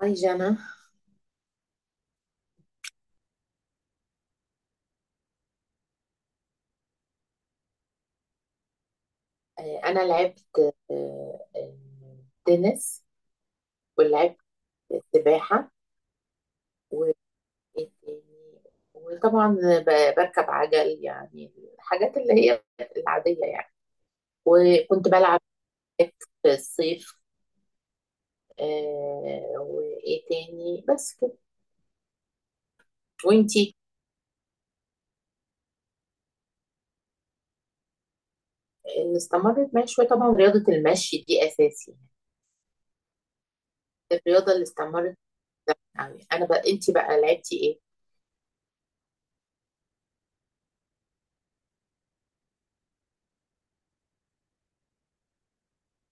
هاي جانا. أنا لعبت آه، آه، تنس، ولعبت سباحة، و- وطبعا بركب عجل، يعني الحاجات اللي هي العادية يعني. وكنت بلعب باك في الصيف. وإيه تاني؟ بس كده. وإنتي؟ اللي استمرت معايا شوية طبعا رياضة المشي دي أساسي يعني. الرياضة اللي استمرت يعني أنا، بقى إنتي بقى لعبتي إيه؟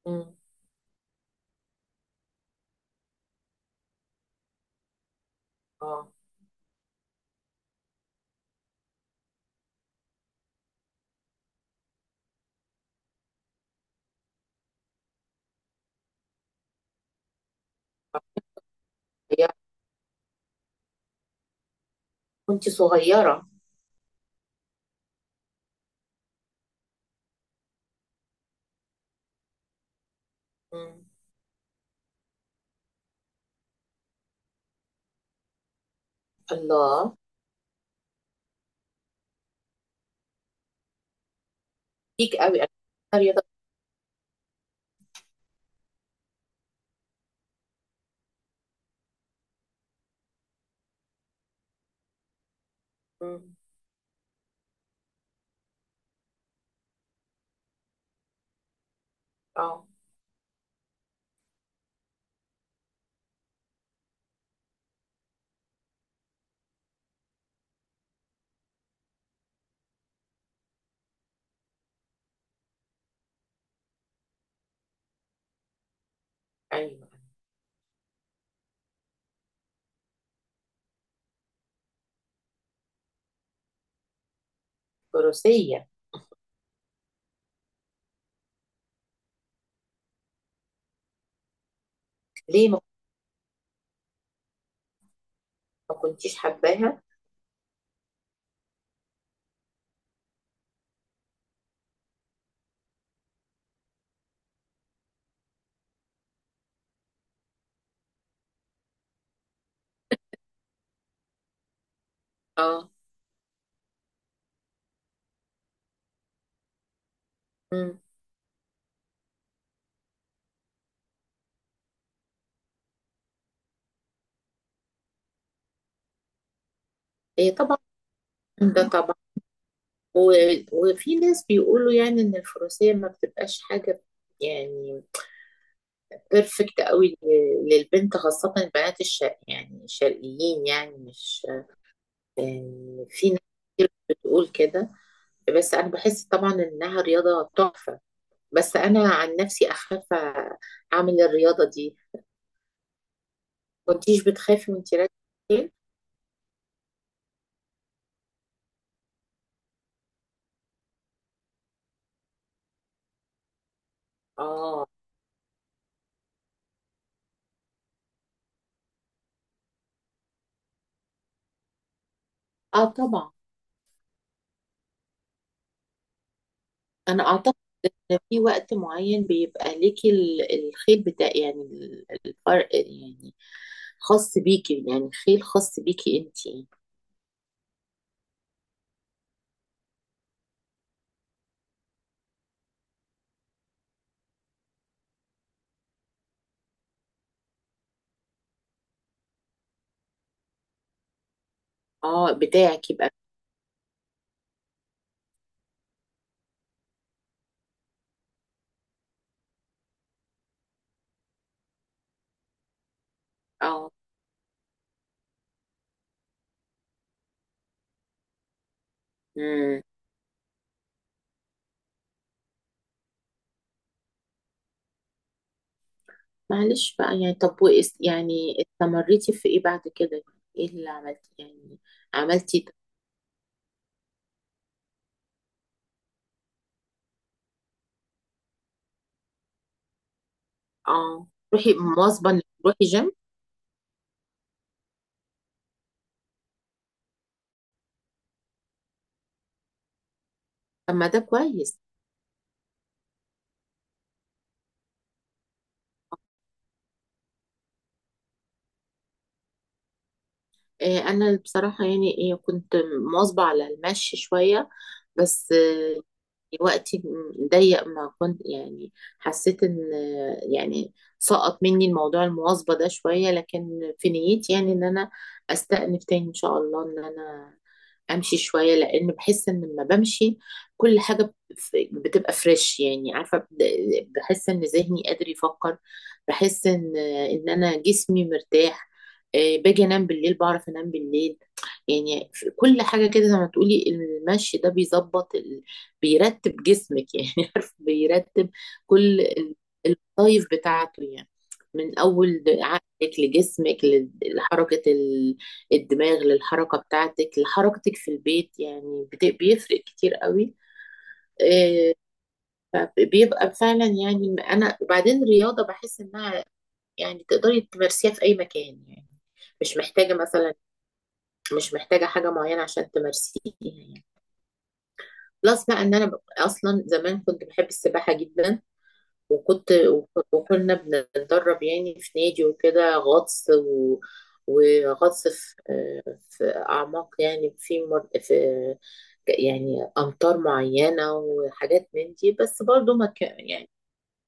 مم. اه، هي كنت صغيرة. مم. الله، ليك قوي، انا بحبها رياضه. مم. اه، ايوه. الفروسيه؟ ليه ما ما كنتيش حباها؟ اه. مم. هي طبعا. ده طبعا. و... وفي ناس بيقولوا يعني ان الفروسيه ما بتبقاش حاجه يعني بيرفكت قوي للبنت، خاصه البنات الشرق، يعني الشرقيين، يعني مش، يعني في ناس كتير بتقول كده. بس انا بحس طبعا انها رياضه تحفه، بس انا عن نفسي اخاف اعمل الرياضه دي. كنتيش بتخافي وانتي راكبه الخيل؟ اه. اه طبعا. انا اعتقد ان في وقت معين بيبقى ليكي الخيل بتاع، يعني الفرق يعني، خاص بيكي، يعني خيل خاص بيكي انتي. اه، بتاعك يبقى. اه. امم. معلش بقى يعني. طب يعني استمريتي في ايه بعد كده؟ ايه اللي عملتي يعني؟ عملتي اه، روحي مواظبة إنك تروحي جيم؟ طب ما ده كويس. انا بصراحه يعني إيه، كنت مواظبه على المشي شويه، بس وقتي ضيق، ما كنت يعني حسيت ان يعني سقط مني الموضوع المواظبة ده شوية، لكن في نيتي يعني ان انا استأنف تاني ان شاء الله، ان انا امشي شوية، لان بحس ان لما بمشي كل حاجة بتبقى فريش، يعني عارفة، بحس ان ذهني قادر يفكر، بحس ان ان انا جسمي مرتاح. إيه، باجي انام بالليل، بعرف انام بالليل يعني. في كل حاجة كده، زي ما تقولي المشي ده بيظبط، بيرتب جسمك يعني عارف، بيرتب كل الوظايف بتاعته يعني، من اول عقلك لجسمك، لحركه الدماغ، للحركه بتاعتك، لحركتك في البيت يعني، بيفرق كتير قوي. آه، فبيبقى فعلا يعني. انا وبعدين الرياضه بحس انها يعني تقدري تمارسيها في اي مكان يعني، مش محتاجه مثلا، مش محتاجه حاجه معينه عشان تمارسيها يعني. بلس بقى ان انا اصلا زمان كنت بحب السباحه جدا، وكنت، وكنا بنتدرب يعني في نادي وكده، غطس وغطس في في أعماق، يعني في في يعني أمطار معينة وحاجات من دي. بس برضو ما كان يعني.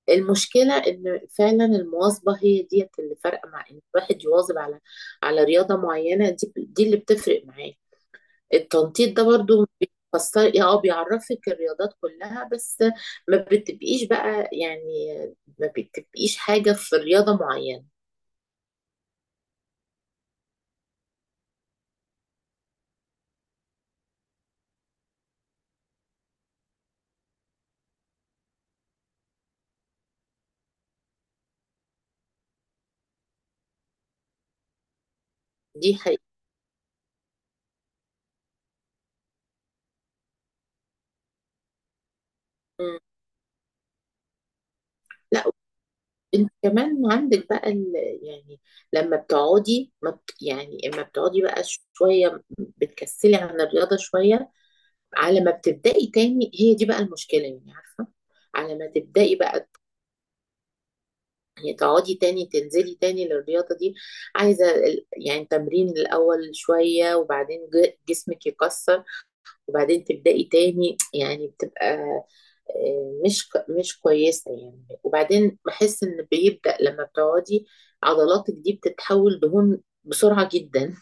المشكلة إن فعلا المواظبة هي ديت اللي فارقة، مع إن الواحد يواظب على على رياضة معينة، دي اللي بتفرق معاه. التنطيط ده برضو بيفسر، اه بيعرفك الرياضات كلها، بس ما بتبقيش بقى يعني، ما بتبقيش حاجة في رياضة معينة. دي حقيقة. مم. لا، انت كمان عندك بقى ال... يعني لما بتقعدي ما بت... يعني اما بتقعدي بقى شوية، بتكسلي عن الرياضة شوية، على ما بتبدأي تاني، هي دي بقى المشكلة يعني، عارفة؟ على ما تبدأي بقى يعني، تقعدي تاني تنزلي تاني للرياضة دي، عايزة يعني تمرين الأول شوية، وبعدين جسمك يكسر، وبعدين تبدأي تاني، يعني بتبقى مش مش كويسة يعني. وبعدين بحس إن بيبدأ لما بتقعدي عضلاتك دي بتتحول دهون بسرعة جدا.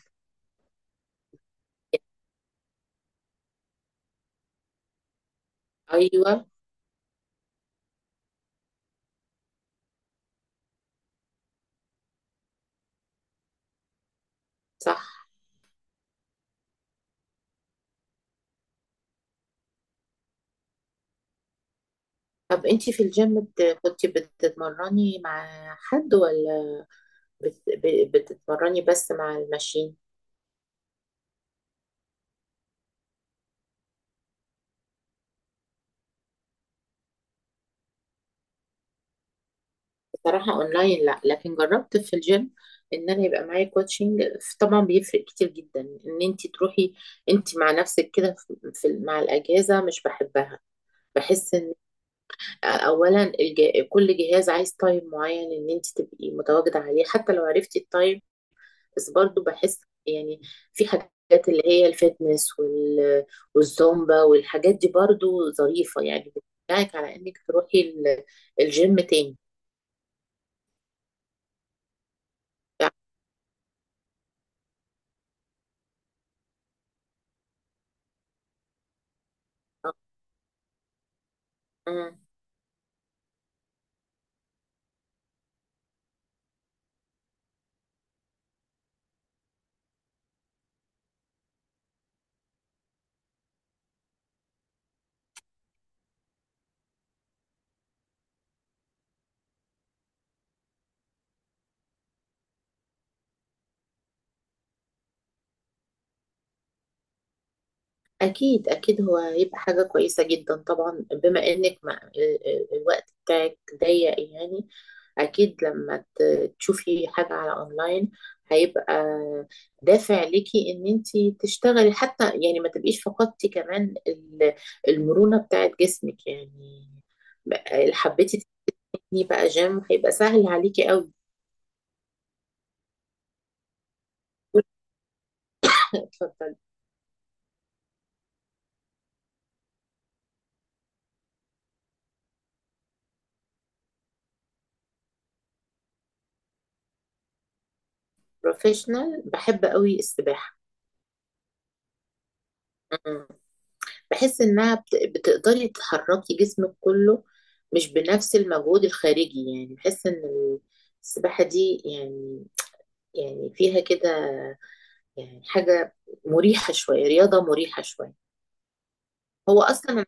أيوة. صح. طب أنتي في الجيم كنتي بتتمرني مع حد، ولا بتتمرني بس مع الماشين؟ صراحة اونلاين لا، لكن جربت في الجيم ان انا يبقى معايا كوتشنج. طبعا بيفرق كتير جدا ان انت تروحي انت مع نفسك كده في مع الاجهزة، مش بحبها. بحس ان اولا كل جهاز عايز تايم معين ان انت تبقي متواجدة عليه، حتى لو عرفتي التايم. بس برضو بحس يعني في حاجات اللي هي الفتنس والزومبا والحاجات دي برضو ظريفة يعني، بتشجعك على انك تروحي الجيم تاني يعني. آه. أكيد أكيد هو هيبقى حاجة كويسة جدا طبعا، بما إنك ما الوقت بتاعك ضيق يعني. أكيد لما تشوفي حاجة على أونلاين، هيبقى دافع ليكي إن أنتي تشتغلي، حتى يعني ما تبقيش فقدتي كمان المرونة بتاعت جسمك يعني. حبيتي تبني بقى جيم هيبقى سهل عليكي أوي. اتفضلي. بروفيشنال بحب أوي السباحة. بحس انها بتقدري تحركي جسمك كله مش بنفس المجهود الخارجي يعني. بحس ان السباحة دي يعني، يعني فيها كده يعني حاجة مريحة شوية، رياضة مريحة شوية. هو اصلا.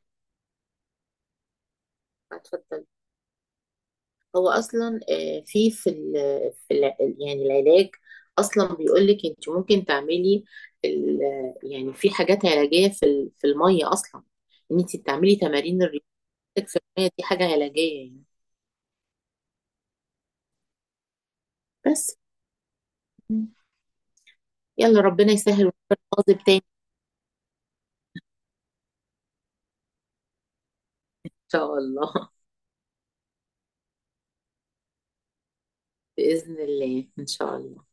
اتفضل. هو اصلا في في في يعني العلاج اصلا بيقولك انت ممكن تعملي ال-، يعني في حاجات علاجية في ال-، في المية اصلا، ان انت تعملي تمارين رياضتك في المية. دي حاجة علاجية يعني. بس، يلا ربنا يسهل ونبقى نواظب تاني ان شاء الله. باذن الله ان شاء الله.